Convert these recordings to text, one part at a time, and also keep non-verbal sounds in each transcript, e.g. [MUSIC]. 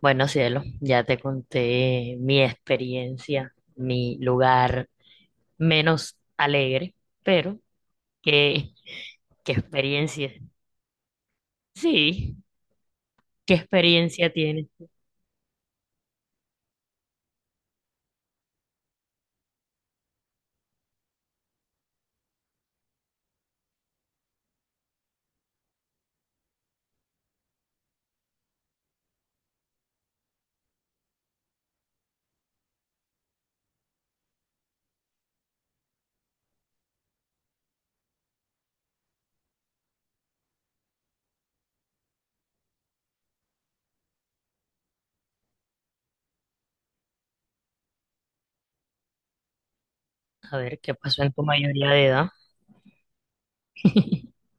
Bueno, cielo, ya te conté mi experiencia, mi lugar menos alegre, pero ¿qué, qué experiencia? Sí, ¿qué experiencia tienes? ¿Tú? A ver, ¿qué pasó en tu mayoría de edad? [LAUGHS]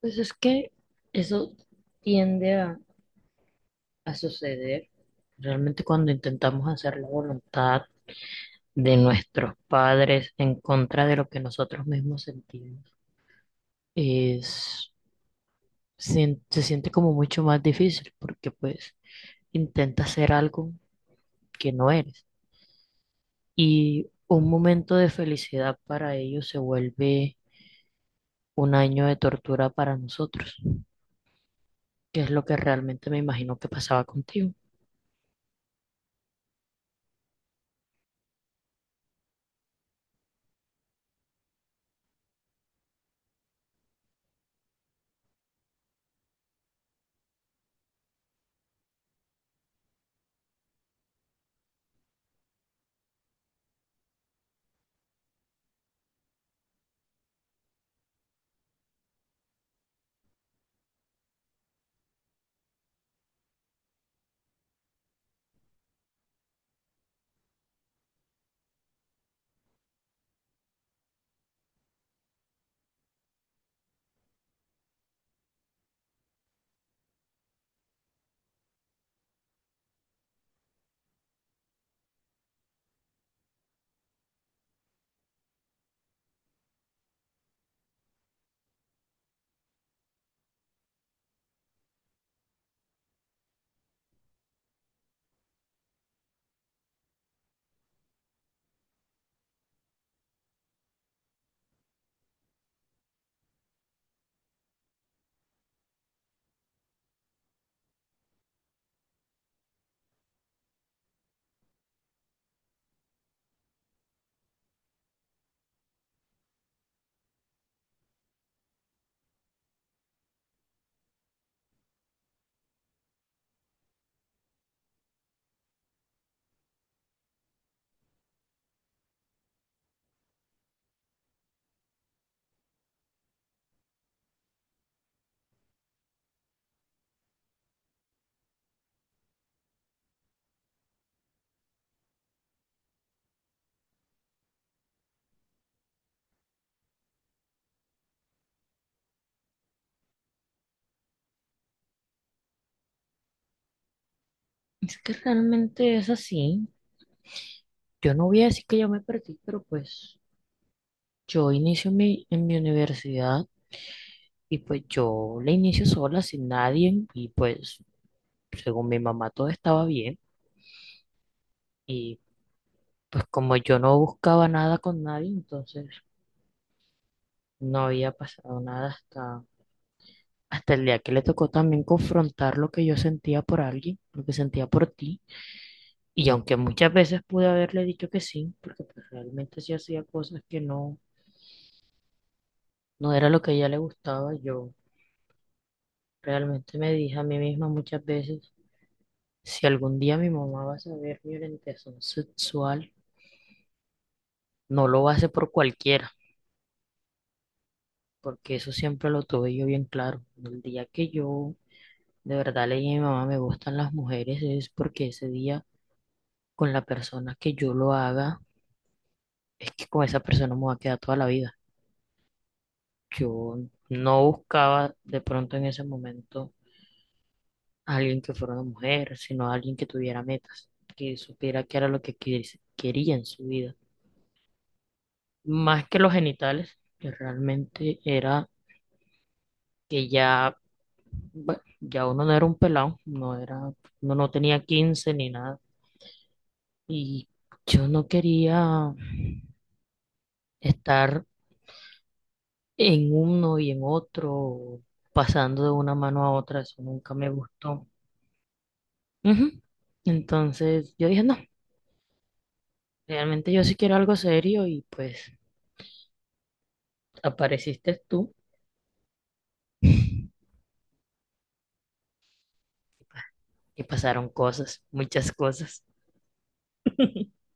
Pues es que eso tiende a suceder. Realmente cuando intentamos hacer la voluntad de nuestros padres en contra de lo que nosotros mismos sentimos, es se siente como mucho más difícil, porque pues intentas ser algo que no eres. Y un momento de felicidad para ellos se vuelve un año de tortura para nosotros, que es lo que realmente me imagino que pasaba contigo. Es que realmente es así. Yo no voy a decir que yo me perdí, pero pues yo inicio en mi universidad, y pues yo la inicio sola, sin nadie, y pues según mi mamá todo estaba bien. Y pues como yo no buscaba nada con nadie, entonces no había pasado nada hasta el día que le tocó también confrontar lo que yo sentía por alguien, lo que sentía por ti. Y aunque muchas veces pude haberle dicho que sí, porque pues realmente sí hacía cosas que no era lo que a ella le gustaba, yo realmente me dije a mí misma muchas veces, si algún día mi mamá va a saber mi orientación sexual, no lo va a hacer por cualquiera, porque eso siempre lo tuve yo bien claro. El día que yo de verdad le dije a mi mamá, me gustan las mujeres, es porque ese día, con la persona que yo lo haga, es que con esa persona me voy a quedar toda la vida. Yo no buscaba de pronto en ese momento a alguien que fuera una mujer, sino a alguien que tuviera metas, que supiera qué era lo que quería en su vida. Más que los genitales, que realmente era que ya, bueno, ya uno no era un pelado, no era, uno no tenía 15 ni nada. Y yo no quería estar en uno y en otro, pasando de una mano a otra, eso nunca me gustó. Ujú. Entonces yo dije, no, realmente yo sí quiero algo serio, y pues apareciste tú. [LAUGHS] Y pasaron cosas, muchas cosas. [LAUGHS]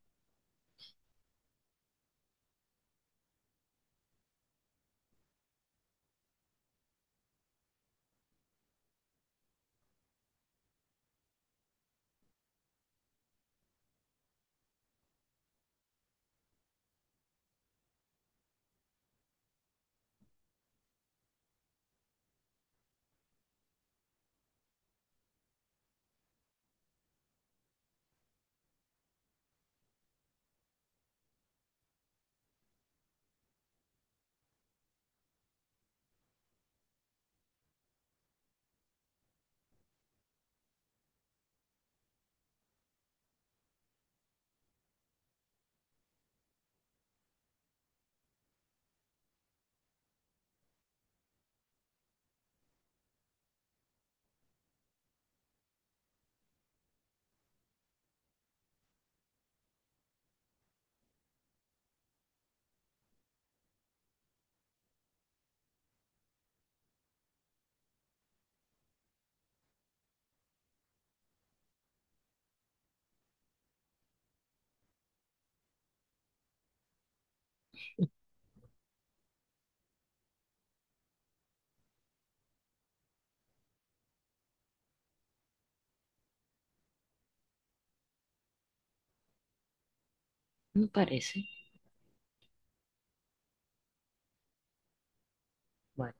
Me parece. Bueno.